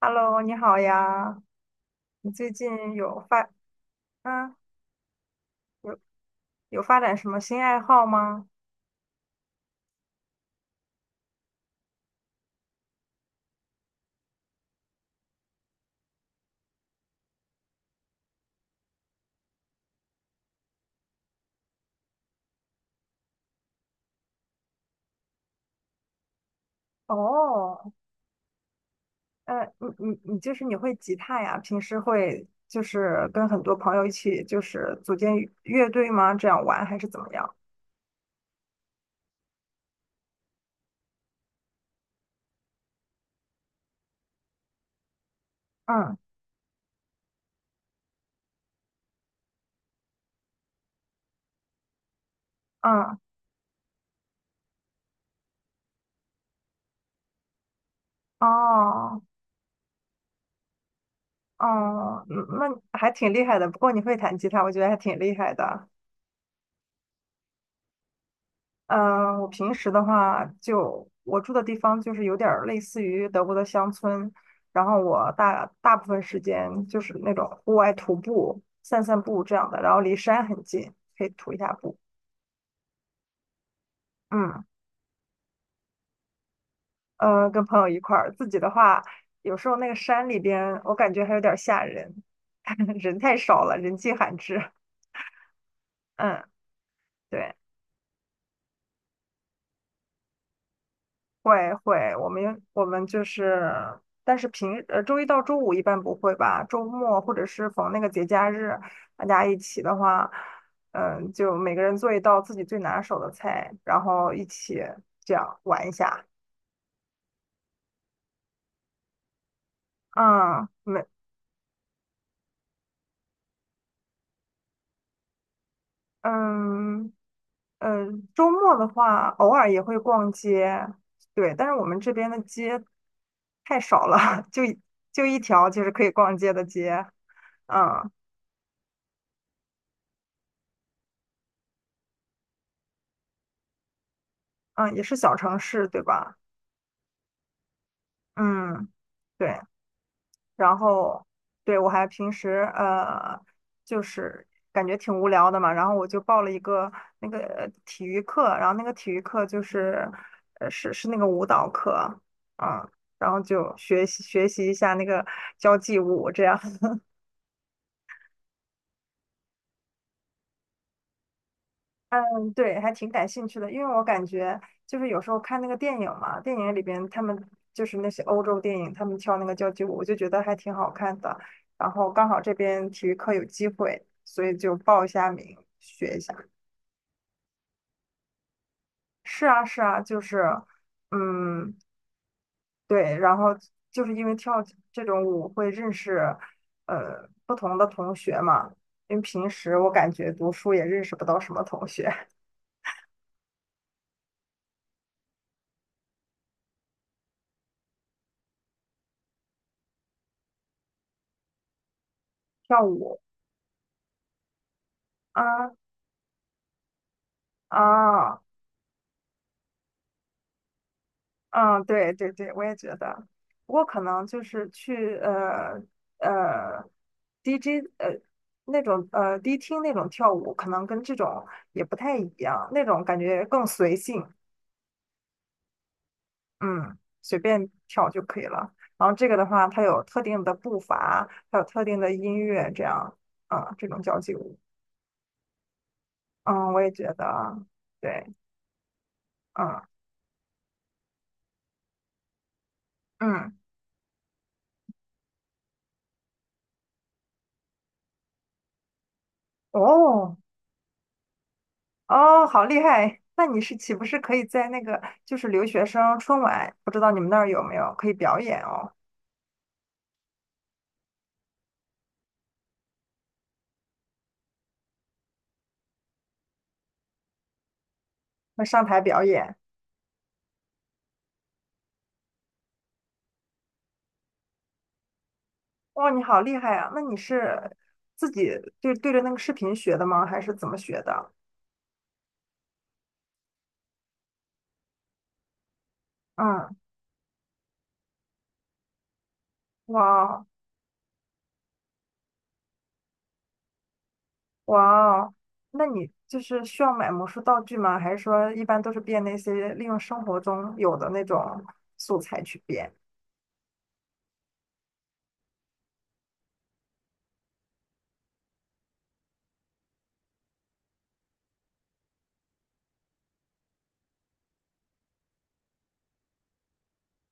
Hello，你好呀，你最近有发嗯有有发展什么新爱好吗？哦，呃，你就是你会吉他呀？平时会就是跟很多朋友一起就是组建乐队吗？这样玩还是怎么样？嗯。嗯。哦。哦，嗯那还挺厉害的。不过你会弹吉他，我觉得还挺厉害的。嗯，我平时的话就，我住的地方就是有点儿类似于德国的乡村，然后我大部分时间就是那种户外徒步、散散步这样的，然后离山很近，可以徒一下步。嗯，跟朋友一块儿，自己的话，有时候那个山里边，我感觉还有点儿吓人，人太少了，人迹罕至。嗯，对。会会，我们就是，但是周一到周五一般不会吧，周末或者是逢那个节假日，大家一起的话，嗯，就每个人做一道自己最拿手的菜，然后一起这样玩一下。嗯，没，嗯。嗯，周末的话，偶尔也会逛街，对，但是我们这边的街太少了，就一条就是可以逛街的街，嗯。嗯，也是小城市，对吧？嗯，对，然后对我还平时,就是感觉挺无聊的嘛，然后我就报了一个那个体育课，然后那个体育课就是是那个舞蹈课，嗯，然后就学习学习一下那个交际舞这样。嗯，对，还挺感兴趣的，因为我感觉就是有时候看那个电影嘛，电影里边他们就是那些欧洲电影，他们跳那个交际舞，我就觉得还挺好看的。然后刚好这边体育课有机会，所以就报一下名学一下。是啊，是啊，就是，嗯，对，然后就是因为跳这种舞会认识不同的同学嘛，因为平时我感觉读书也认识不到什么同学，跳舞啊。啊。嗯，对对对，我也觉得。不过可能就是去呃 DJ 那种迪厅那种跳舞，可能跟这种也不太一样，那种感觉更随性，嗯，随便跳就可以了。然后这个的话，它有特定的步伐，还有特定的音乐，这样，嗯，这种交际舞，嗯，我也觉得，对，嗯。嗯，哦，哦，好厉害！那你是岂不是可以在那个就是留学生春晚，不知道你们那儿有没有可以表演哦？那上台表演，哇，你好厉害啊！那你是自己对对着那个视频学的吗？还是怎么学的？嗯，哇哦。哇哦，那你就是需要买魔术道具吗？还是说一般都是变那些利用生活中有的那种素材去变？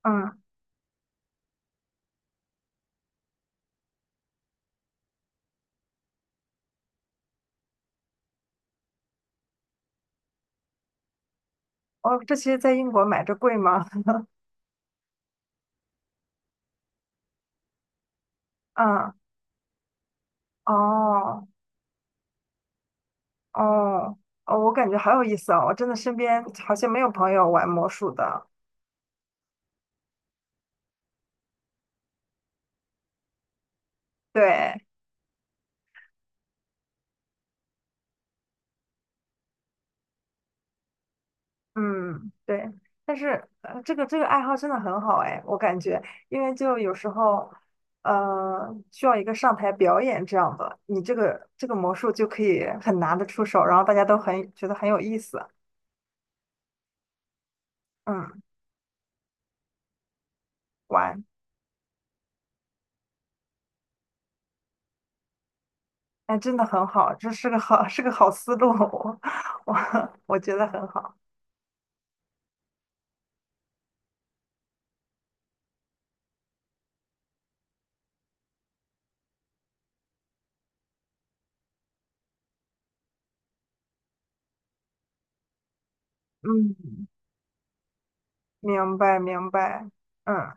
嗯，哦，这些在英国买着贵吗？嗯，哦。哦，哦，我感觉好有意思哦！我真的身边好像没有朋友玩魔术的。对，嗯，对。但是，这个爱好真的很好哎，我感觉，因为就有时候，需要一个上台表演这样的，你这个魔术就可以很拿得出手，然后大家都很觉得很有意思，嗯，玩，哎，真的很好，这是个好 是个好思路，我我觉得很好，嗯，明白明白，嗯。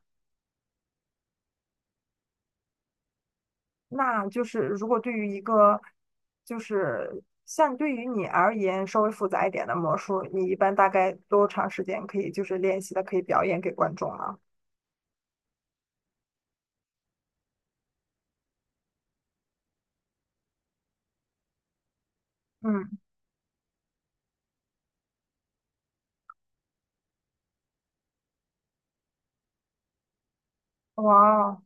那就是如果对于一个就是像对于你而言稍微复杂一点的魔术，你一般大概多长时间可以就是练习的，可以表演给观众呢？嗯，哇哦，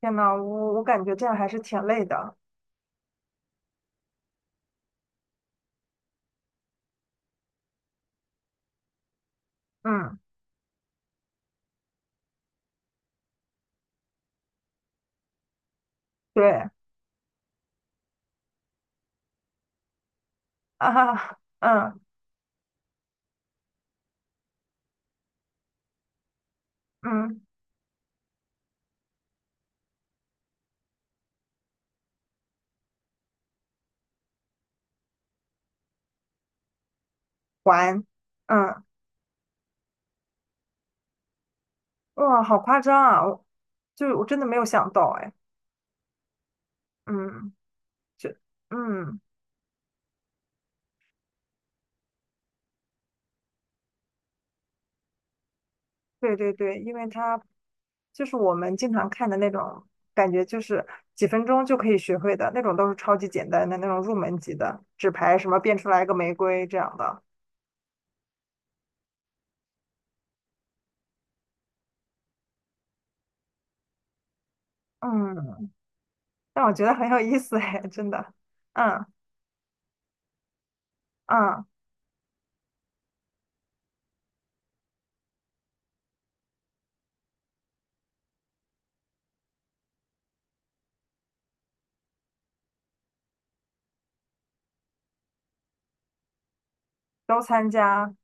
天呐，我感觉这样还是挺累的。嗯，对啊，嗯。嗯，还，嗯，哇，好夸张啊！我真的没有想到，哎，嗯，这，嗯，对对对，因为它就是我们经常看的那种，感觉就是几分钟就可以学会的那种，都是超级简单的那种入门级的纸牌，什么变出来一个玫瑰这样的。嗯，但我觉得很有意思哎，真的。嗯。嗯，都参加。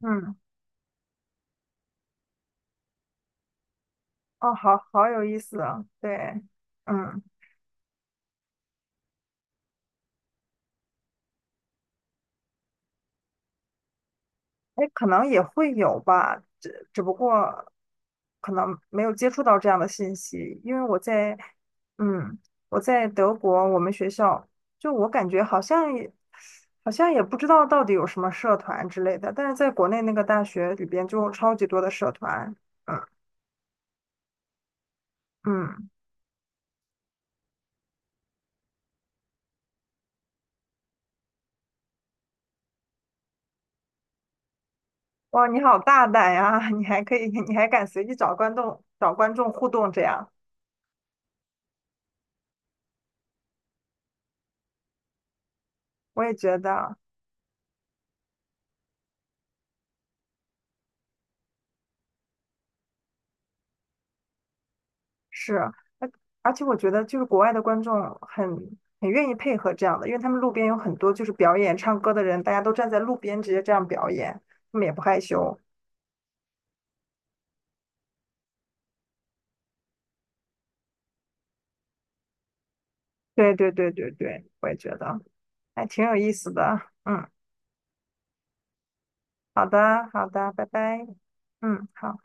嗯，哦，好好有意思啊。对，嗯。哎，可能也会有吧，只不过可能没有接触到这样的信息，因为我在，嗯，我在德国，我们学校就我感觉好像也不知道到底有什么社团之类的，但是在国内那个大学里边就有超级多的社团，嗯。嗯，哇，你好大胆呀，你还可以，你还敢随意找观众互动这样，我也觉得。是，而而且我觉得就是国外的观众很很愿意配合这样的，因为他们路边有很多就是表演唱歌的人，大家都站在路边直接这样表演，他们也不害羞。对对对对对，我也觉得还挺有意思的。嗯，好的好的，拜拜。嗯，好。